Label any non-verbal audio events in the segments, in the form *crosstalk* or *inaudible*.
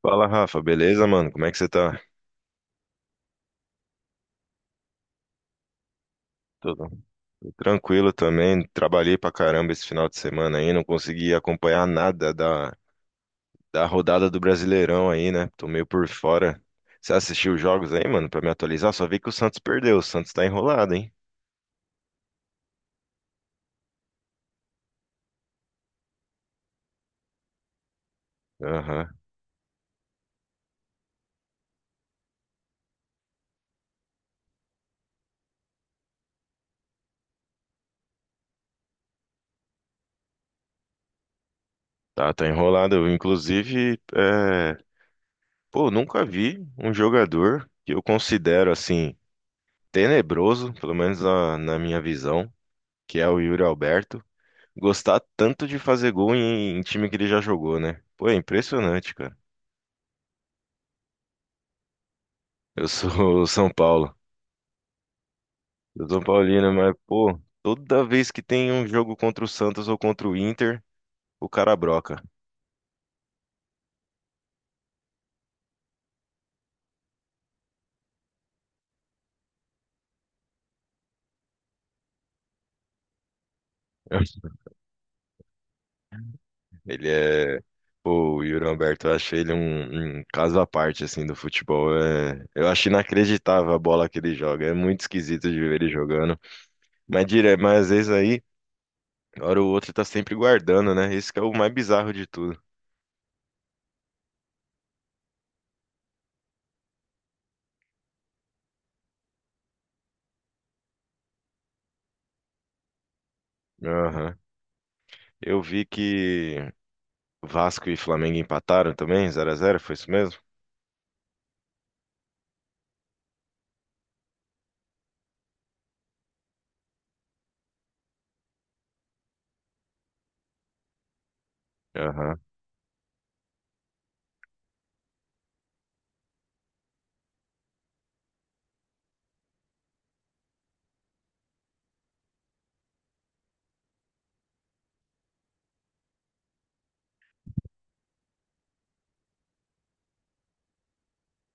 Fala, Rafa, beleza, mano? Como é que você tá? Tudo tranquilo também. Trabalhei pra caramba esse final de semana aí, não consegui acompanhar nada da rodada do Brasileirão aí, né? Tô meio por fora. Você assistiu os jogos aí, mano, pra me atualizar? Só vi que o Santos perdeu. O Santos tá enrolado, hein? Aham. Tá, enrolado. Eu, inclusive, pô, nunca vi um jogador que eu considero assim tenebroso, pelo menos na minha visão, que é o Yuri Alberto. Gostar tanto de fazer gol em time que ele já jogou, né? Pô, é impressionante, cara. Eu sou *laughs* São Paulo. Eu sou São Paulino, mas, pô, toda vez que tem um jogo contra o Santos ou contra o Inter, o cara broca. *laughs* Ele é. Pô, o Yuri Alberto, eu achei ele um caso à parte, assim, do futebol. Eu acho inacreditável a bola que ele joga. É muito esquisito de ver ele jogando. Mas, mas às vezes aí, hora ou outra, tá sempre guardando, né? Esse que é o mais bizarro de tudo. Aham. Eu vi que. Vasco e Flamengo empataram também, 0 a 0 foi isso mesmo? Aham.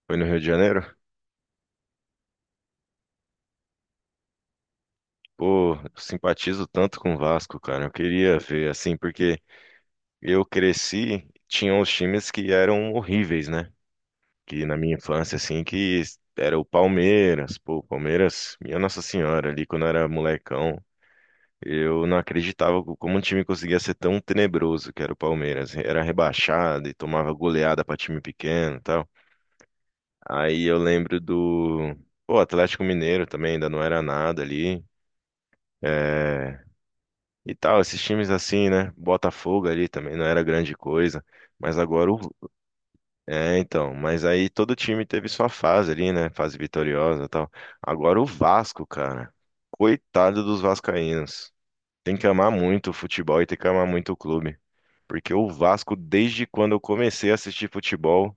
Foi no Rio de Janeiro? Pô, eu simpatizo tanto com o Vasco, cara. Eu queria ver, assim, porque eu cresci, tinham os times que eram horríveis, né? Que na minha infância, assim, que era o Palmeiras. Pô, o Palmeiras, minha Nossa Senhora, ali quando eu era molecão, eu não acreditava como um time conseguia ser tão tenebroso que era o Palmeiras. Era rebaixado e tomava goleada pra time pequeno e tal. Aí eu lembro do, pô, Atlético Mineiro também, ainda não era nada ali. É, e tal, esses times assim, né? Botafogo ali também não era grande coisa. Mas agora o. É, então. Mas aí todo time teve sua fase ali, né? Fase vitoriosa e tal. Agora o Vasco, cara. Coitado dos vascaínos. Tem que amar muito o futebol e tem que amar muito o clube. Porque o Vasco, desde quando eu comecei a assistir futebol,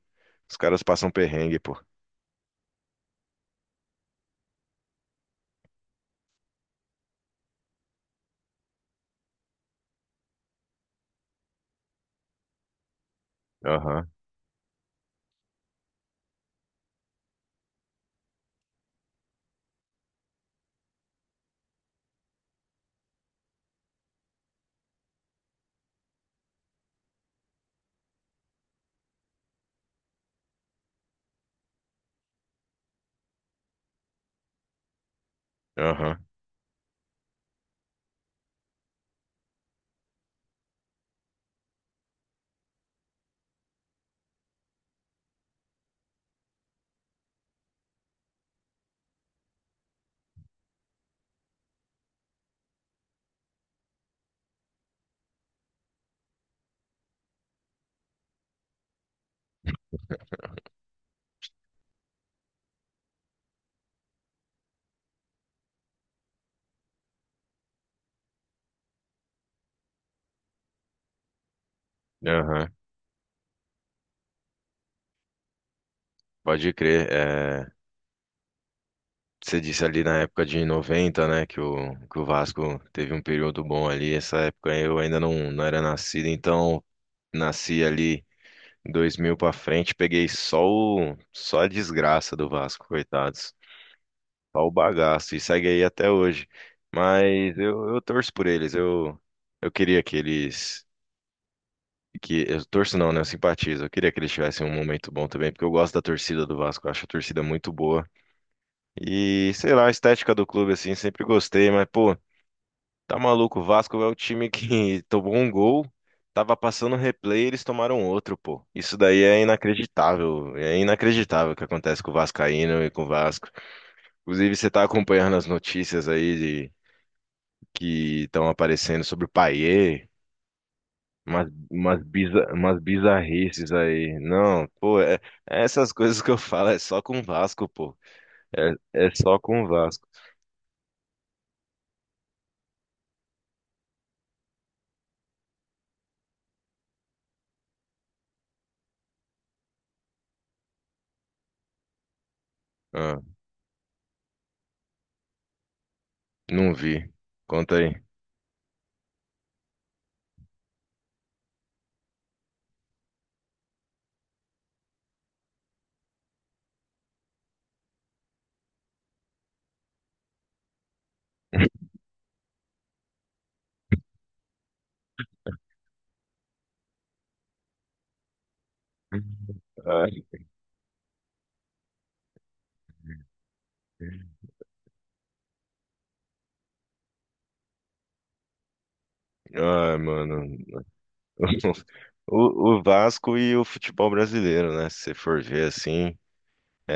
os caras passam perrengue, pô. Aham, aham, aham. Pode crer. É, você disse ali na época de 90, né, que o Vasco teve um período bom ali. Essa época eu ainda não era nascido, então nasci ali 2000 pra frente, peguei só só a desgraça do Vasco, coitados. Só o bagaço, e segue aí até hoje. Mas eu torço por eles. Eu queria que eles... Que, eu torço não, né, eu simpatizo. Eu queria que eles tivessem um momento bom também, porque eu gosto da torcida do Vasco, eu acho a torcida muito boa. E sei lá, a estética do clube, assim, sempre gostei, mas pô, tá maluco. O Vasco é o time que *laughs* tomou um gol, tava passando replay, eles tomaram outro, pô. Isso daí é inacreditável. É inacreditável o que acontece com o Vascaíno e com o Vasco. Inclusive, você tá acompanhando as notícias aí de, que estão aparecendo sobre o Payet. Umas bizarrices aí. Não, pô, essas coisas que eu falo é só com o Vasco, pô. É, é só com o Vasco. Ah. Não vi. Conta aí. *laughs* Ai, ai, mano. *laughs* O Vasco e o futebol brasileiro, né? Se você for ver assim,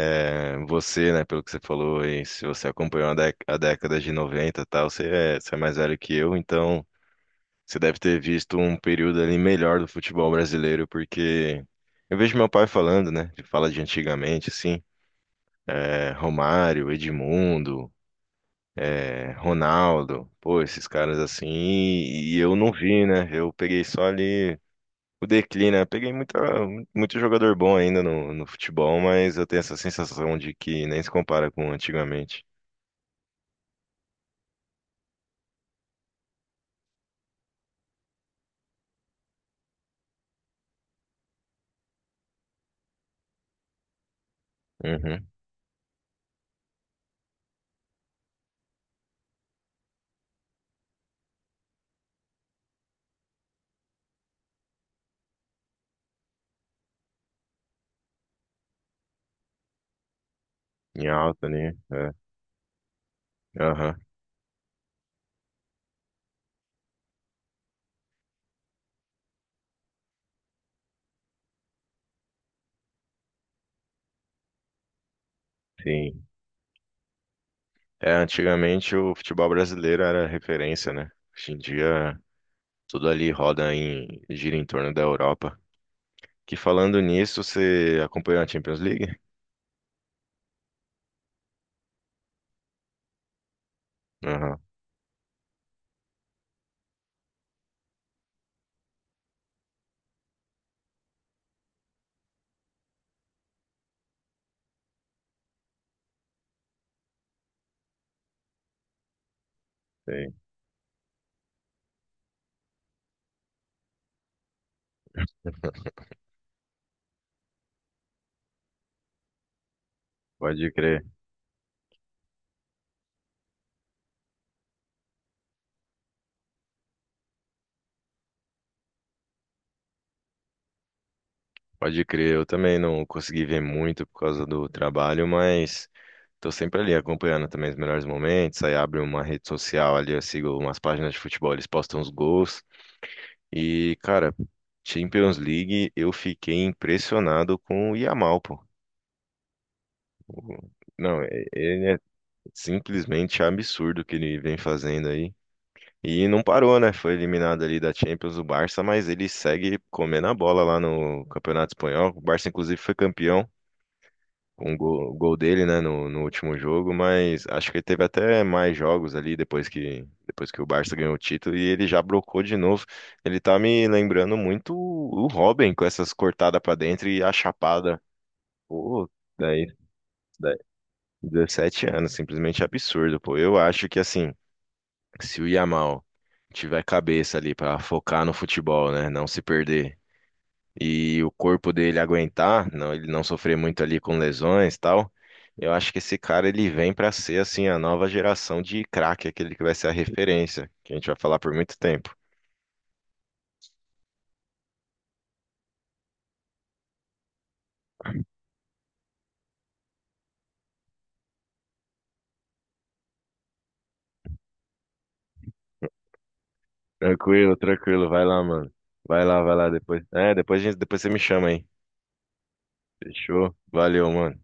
você, né, pelo que você falou aí, se você acompanhou a, a década de 90, e tal, você é mais velho que eu, então você deve ter visto um período ali melhor do futebol brasileiro, porque eu vejo meu pai falando, né? Ele fala de antigamente, assim, Romário, Edmundo. Ronaldo, pô, esses caras assim, e eu não vi, né? Eu peguei só ali o declínio, né? Peguei muito jogador bom ainda no futebol, mas eu tenho essa sensação de que nem se compara com antigamente. Uhum, em alta, né? É, aham, sim. É, antigamente o futebol brasileiro era referência, né? Hoje em dia tudo ali gira em torno da Europa. Que falando nisso, você acompanhou a Champions League? Aham, sim. Pode crer. Pode crer, eu também não consegui ver muito por causa do trabalho, mas tô sempre ali acompanhando também os melhores momentos. Aí abre uma rede social ali, eu sigo umas páginas de futebol, eles postam os gols. E, cara, Champions League, eu fiquei impressionado com o Yamal, pô. O- Não, ele é simplesmente absurdo o que ele vem fazendo aí. E não parou, né? Foi eliminado ali da Champions do Barça, mas ele segue comendo a bola lá no Campeonato Espanhol. O Barça, inclusive, foi campeão. Gol dele, né, no último jogo, mas acho que ele teve até mais jogos ali depois que o Barça ganhou o título e ele já brocou de novo. Ele tá me lembrando muito o Robin com essas cortadas pra dentro e a chapada. Pô, daí, daí 17 anos, simplesmente absurdo, pô. Eu acho que assim, se o Yamal tiver cabeça ali pra focar no futebol, né, não se perder e o corpo dele aguentar, não, ele não sofrer muito ali com lesões e tal, eu acho que esse cara ele vem pra ser assim a nova geração de craque, aquele que vai ser a referência, que a gente vai falar por muito tempo. Tranquilo, tranquilo, vai lá, mano. Vai lá depois. É, depois a gente, depois você me chama aí. Fechou? Valeu, mano.